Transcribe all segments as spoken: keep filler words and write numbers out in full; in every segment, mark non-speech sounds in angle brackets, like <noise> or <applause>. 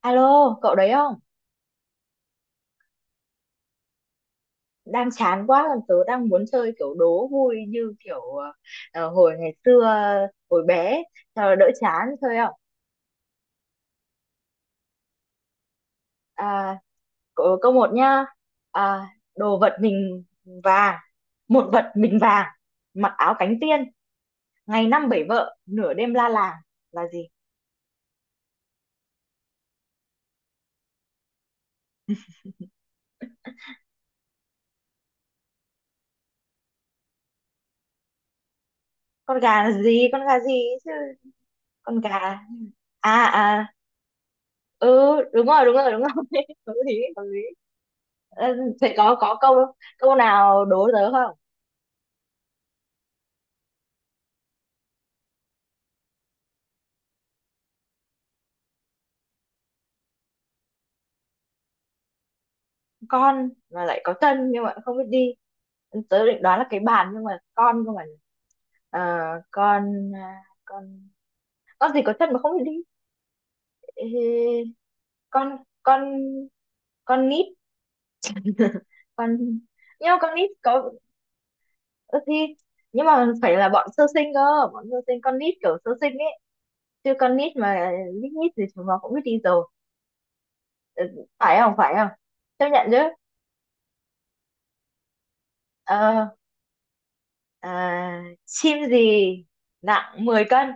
Alo, cậu đấy không? Đang chán quá, còn tớ đang muốn chơi kiểu đố vui như kiểu ờ, hồi ngày xưa, hồi bé, ấy, cho nó đỡ chán chơi không? À, câu, câu một nhá. À, Đồ vật mình vàng, một vật mình vàng, mặc áo cánh tiên, ngày năm bảy vợ, nửa đêm la làng là gì? Con gà là gì? Con gà gì chứ? Con gà. à à ừ, đúng rồi, đúng rồi, đúng rồi. <laughs> Hợp lý, hợp lý. Ờ, Thế có có câu câu nào đố tớ không? Con mà lại có chân nhưng mà không biết đi. Tớ định đoán là cái bàn nhưng mà con cơ mà. Ờ, con à, con con gì có chân mà không biết đi? Ê, con con con nít. Con. Nhưng mà con nít có ơ thì nhưng mà phải là bọn sơ sinh cơ, bọn sơ sinh con nít kiểu sơ sinh ấy, chứ con nít mà lít nhít thì chúng nó cũng biết đi rồi. Ừ, phải không, phải không? Chấp nhận chứ? ờ à, Chim gì nặng mười cân?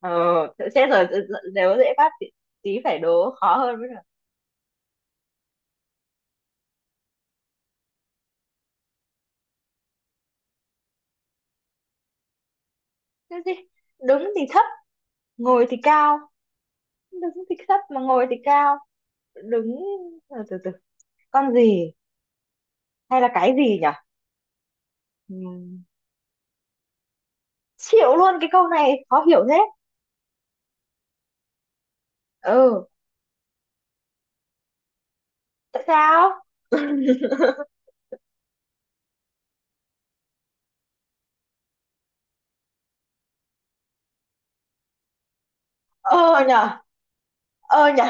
ờ Chết rồi. Ừ, ừ, nếu dễ phát thì tí phải đố khó hơn mới được. Cái gì đứng thì thấp, ngồi thì cao? Đứng thì thấp mà ngồi thì cao. Đứng từ từ từ. Con gì, hay là cái gì nhỉ? Ừm, Chịu luôn, cái câu này khó hiểu thế. Ừ, tại sao? <laughs> Ờ nhở. Ờ nhỉ,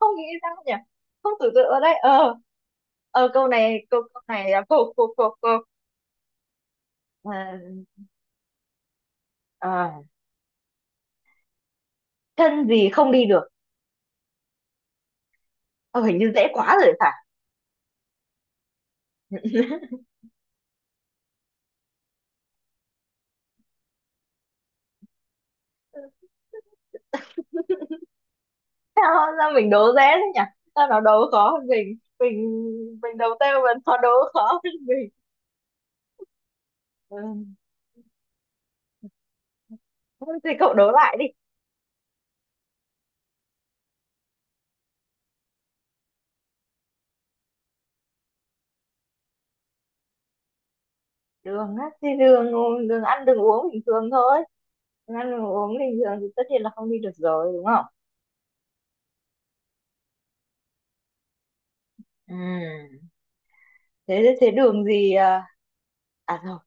không nghĩ ra nhỉ. Không tưởng tượng ở đây ờ ờ Câu này, câu câu này là cô, cô, cô, cô. Ờ, ờ, Chân gì không đi được? ờ, Hình như dễ quá rồi phải. <laughs> sao, sao mình đố dễ thế nhỉ? Sao nó đố khó hơn mình? Mình mình đầu tiên mà nó đố khó hơn mình. Ừ. Thôi thì cậu đố lại đi. Đường á? Thì đường, đường ăn đường uống bình thường thôi. Đường ăn đường uống bình thường thì tất nhiên là không đi được rồi, đúng không? Ừ. Thế thế đường gì à, à rồi,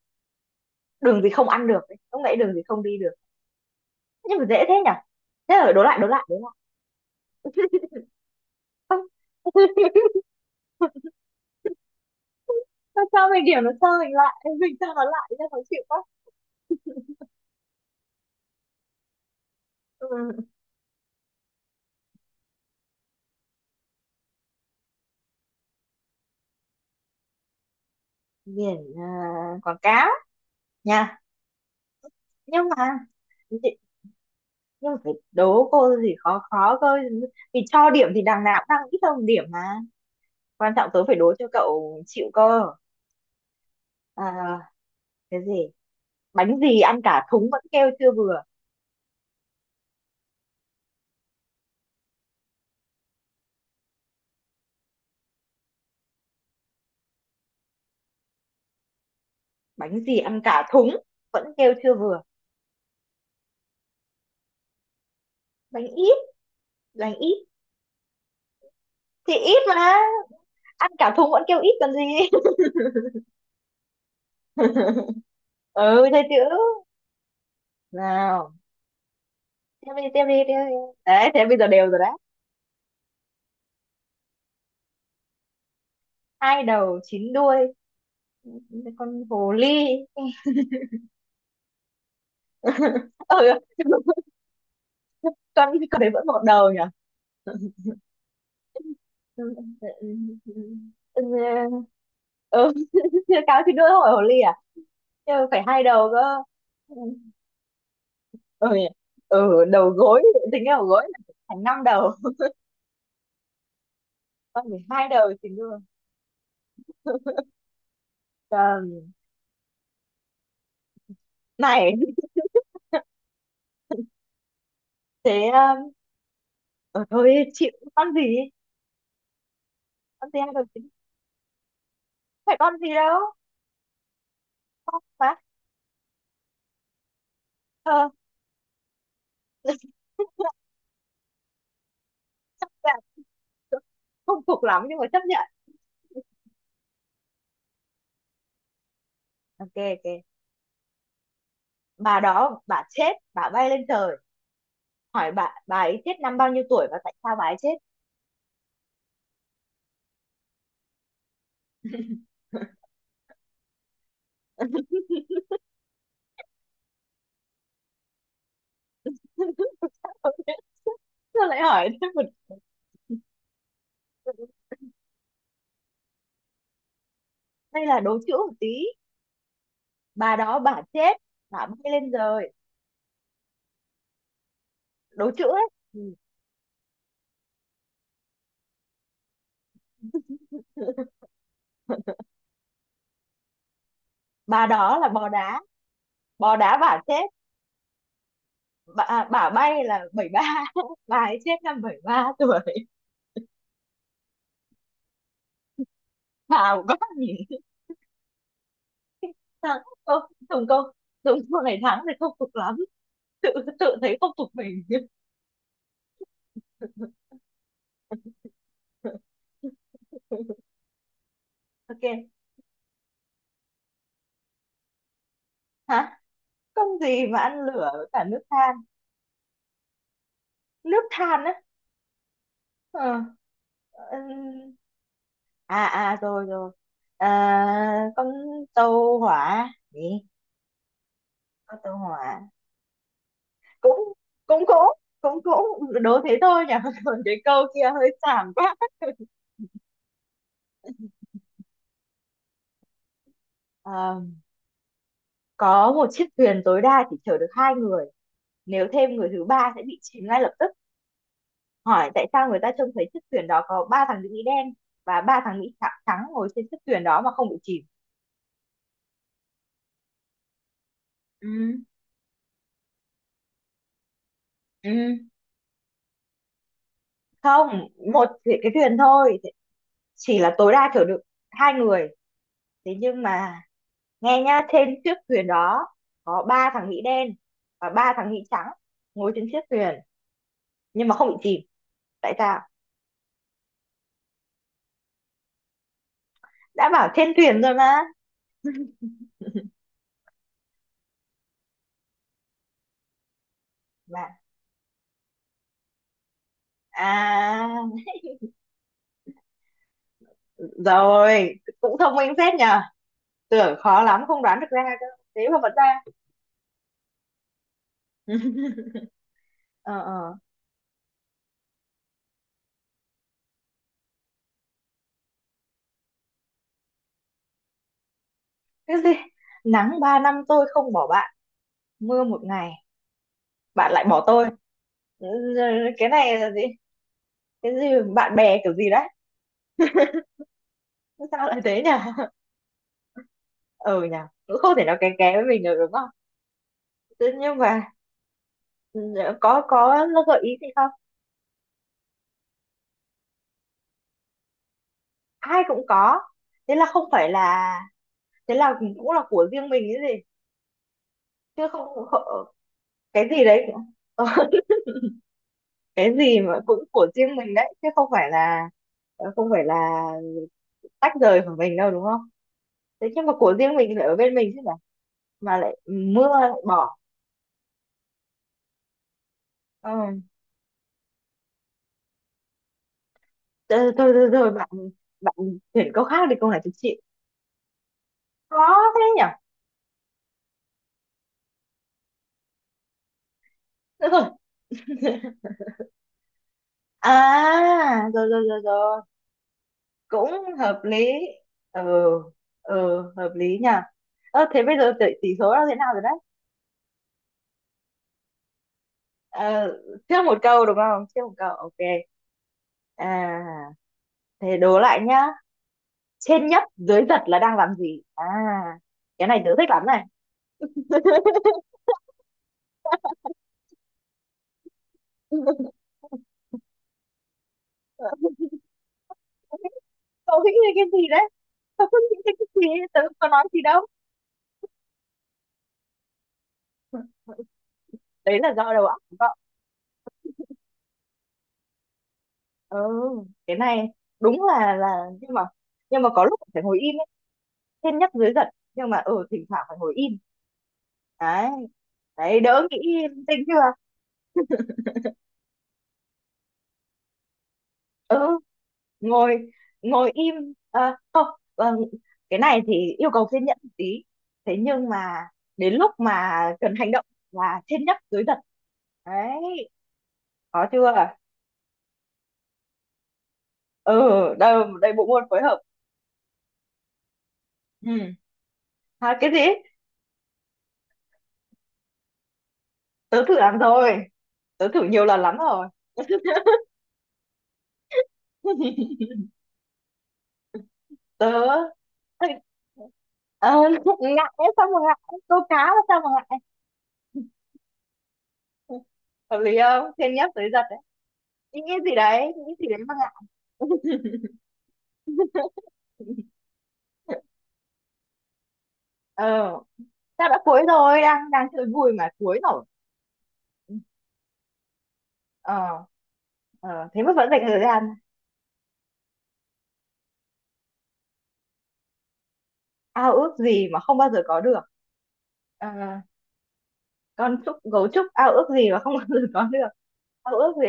đường gì không ăn được ấy. Lúc nãy đường gì không đi được, nhưng mà dễ thế nhỉ. Thế là đố lại, đố lại, đố lại. <laughs> Sao cho mình điểm nó cho mình lại? <laughs> Mình cho nó lại cho khó chịu quá. Ừ. Biển à? Quảng cáo nha. nhưng mà chị- nhưng mà phải đố cô gì khó khó cơ. Vì cho điểm thì đằng nào cũng đang ít hơn điểm mà, quan trọng tớ phải đố cho cậu chịu cơ. À, cái gì Bánh gì ăn cả thúng vẫn kêu chưa vừa? Bánh gì ăn cả thúng vẫn kêu chưa vừa? Bánh ít. Bánh ít. Thì ít mà, ăn cả thùng vẫn kêu ít còn gì. <laughs> Ừ, thế chữ nào? Tiếp đi, tiếp đi, tiếp đi. Đấy, thế bây giờ đều rồi đấy. Hai đầu chín đuôi. Con hồ ly. <laughs> Ừ, con con đấy vẫn một đầu nhỉ. Ừ, ừ. <laughs> Cáo chín đuôi hỏi hồ ly à? Nhưng mà phải hai đầu cơ. Ừ, nhỉ? Ừ, đầu gối. Tính cái đầu gối là thành năm đầu. Con phải hai đầu thì đuôi. Ờ, Này, thế um, ờ, thôi chịu. Con gì? Con gì, hay con gì? Phải con gì đâu, con mà. ờ Chấp nhận. Không phục lắm nhưng mà chấp nhận. Ok, ok. Bà đó bà chết, bà bay lên trời, hỏi bà bà ấy chết năm bao nhiêu tuổi và tại sao bà ấy chết? <laughs> Tôi lại hỏi thêm một. Đây là đố chữ một tí, bà đó bà chết, bà bay lên trời, đố chữ ấy. Ừ. <laughs> Bà đó là bò đá. Bò đá bà chết. Bà, à, bà bay là bảy ba. <laughs> Bà ấy chết năm bảy ba tuổi. Bà quá nhỉ. Thằng, cô, Tùng cô, đúng cô ngày tháng thì không phục lắm. Tự, tự thấy không phục mình. <laughs> Ok. Hả? Công gì mà ăn lửa với cả nước than? Nước than á? Ờ. ừm, À, à, rồi, rồi. À, con tàu hỏa. Gì? Con tàu hỏa. Cũng, cũng, cũng, cũng, cũng. Đố thế thôi nhỉ? <laughs> Còn cái câu kia hơi xàm quá. Ờ, có một chiếc thuyền tối đa chỉ chở được hai người. Nếu thêm người thứ ba sẽ bị chìm ngay lập tức. Hỏi tại sao người ta trông thấy chiếc thuyền đó có ba thằng nữ Mỹ đen và ba thằng Mỹ trắng, trắng ngồi trên chiếc thuyền đó mà không bị chìm? Ừ, ừ. Không, một cái cái thuyền thôi, chỉ là tối đa chở được hai người. Thế nhưng mà nghe nhá, trên chiếc thuyền đó có ba thằng Mỹ đen và ba thằng Mỹ trắng ngồi trên chiếc thuyền nhưng mà không bị chìm. Tại sao? Đã bảo trên thuyền rồi mà. mà à Rồi. Cũng thông minh phết nhờ. Tưởng khó lắm không đoán được ra cơ, thế mà vẫn ra. <laughs> ờ ờ cái gì? Nắng ba năm tôi không bỏ bạn, mưa một ngày bạn lại bỏ tôi. Ừ, cái này là gì? Cái gì? Bạn bè kiểu gì đấy? Sao lại thế nhỉ? <laughs> Ừ nhỉ, cũng không thể nào kén kén với mình được, đúng không? Thế nhưng mà, ừ, có có gợi ý gì không? Ai cũng có? Thế là không phải là. Thế là cũng là của riêng mình cái gì? Chứ không không- cái gì đấy cũng- <laughs> Cái gì mà cũng của riêng mình đấy, chứ không phải là, không phải là tách rời của mình đâu, đúng không? Thế nhưng mà của riêng mình lại ở bên mình chứ mà. Mà lại mưa lại bỏ. Ừ. Thôi, thôi, thôi, thôi bạn. bạn Chuyển câu khác đi, câu này tôi chịu. Khó thế nhỉ. Được rồi. À rồi, rồi, rồi, rồi, cũng hợp lý. Ừ, ừ, hợp lý nhỉ. Ờ, thế bây giờ tỷ, tỷ số là thế nào rồi đấy? ờ, Trước một câu đúng không? Trước một câu. Ok. à Thế đố lại nhá. Trên nhấp dưới giật là đang làm gì à? Cái này tớ thích lắm này. <laughs> Cậu nghĩ về cái gì đấy? Tớ không nghĩ đến cái gì, tớ không có nói gì đâu. Đấy là do đầu óc của cậu. Ừ, cái này đúng là là nhưng mà, nhưng mà có lúc phải ngồi im ấy. Trên nhắc dưới giật. Nhưng mà, ừ, thỉnh thoảng phải ngồi im đấy, đấy đỡ nghĩ linh tinh chưa. Ừ, ngồi ngồi im. Ờ, không ờ, cái này thì yêu cầu kiên nhẫn một tí. Thế nhưng mà đến lúc mà cần hành động là trên nhắc dưới giật đấy, có chưa? Ừ, đây đây, bộ môn phối hợp. Ừ. À, cái gì? Tớ thử làm rồi, tớ thử nhiều lần lắm rồi. Tớ Ờ, <laughs> Ngại ấy, sao mà ngại? Câu cá mà sao mà ngại? Hợp lý không? Thiên nhấp tới giật đấy. Ý nghĩ gì đấy, ý nghĩ gì đấy mà ngại? <laughs> ờ Sao đã cuối rồi? Đang đang chơi vui mà cuối rồi. ờ ờ Thế mà vẫn dành thời gian. Ao ước gì mà không bao giờ có được. Ờ, con trúc Gấu trúc ao ước gì mà không bao giờ có được? Ao ước gì?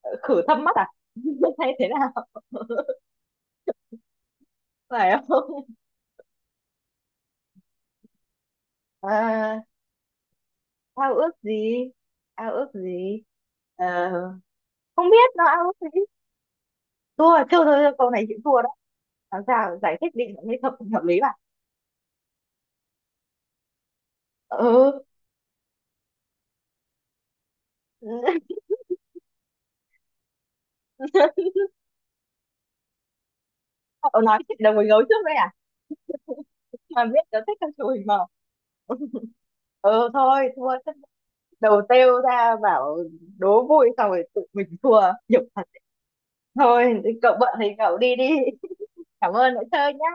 Ờ, khử thâm mắt à? <laughs> Hay thế nào? <laughs> Phải không? Ờ, Ao ước gì, ao ước gì? Ờ, Không biết nó ao ước gì. Thua, thua thôi, thôi, câu này chịu thua đó. Làm sao giải thích định nghĩa hợp hợp lý mà. Ừ. <laughs> Cậu nói chuyện đồng với gấu trước đây à? Mà biết nó thích con chùi mà. Ừ, thôi thua chắc. Đầu têu ra bảo đố vui xong rồi tự mình thua, nhục thật. Thôi cậu bận thì cậu đi đi. <laughs> Cảm ơn đã chơi nhá.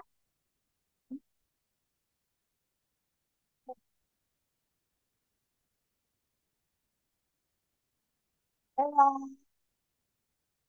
Bye bye.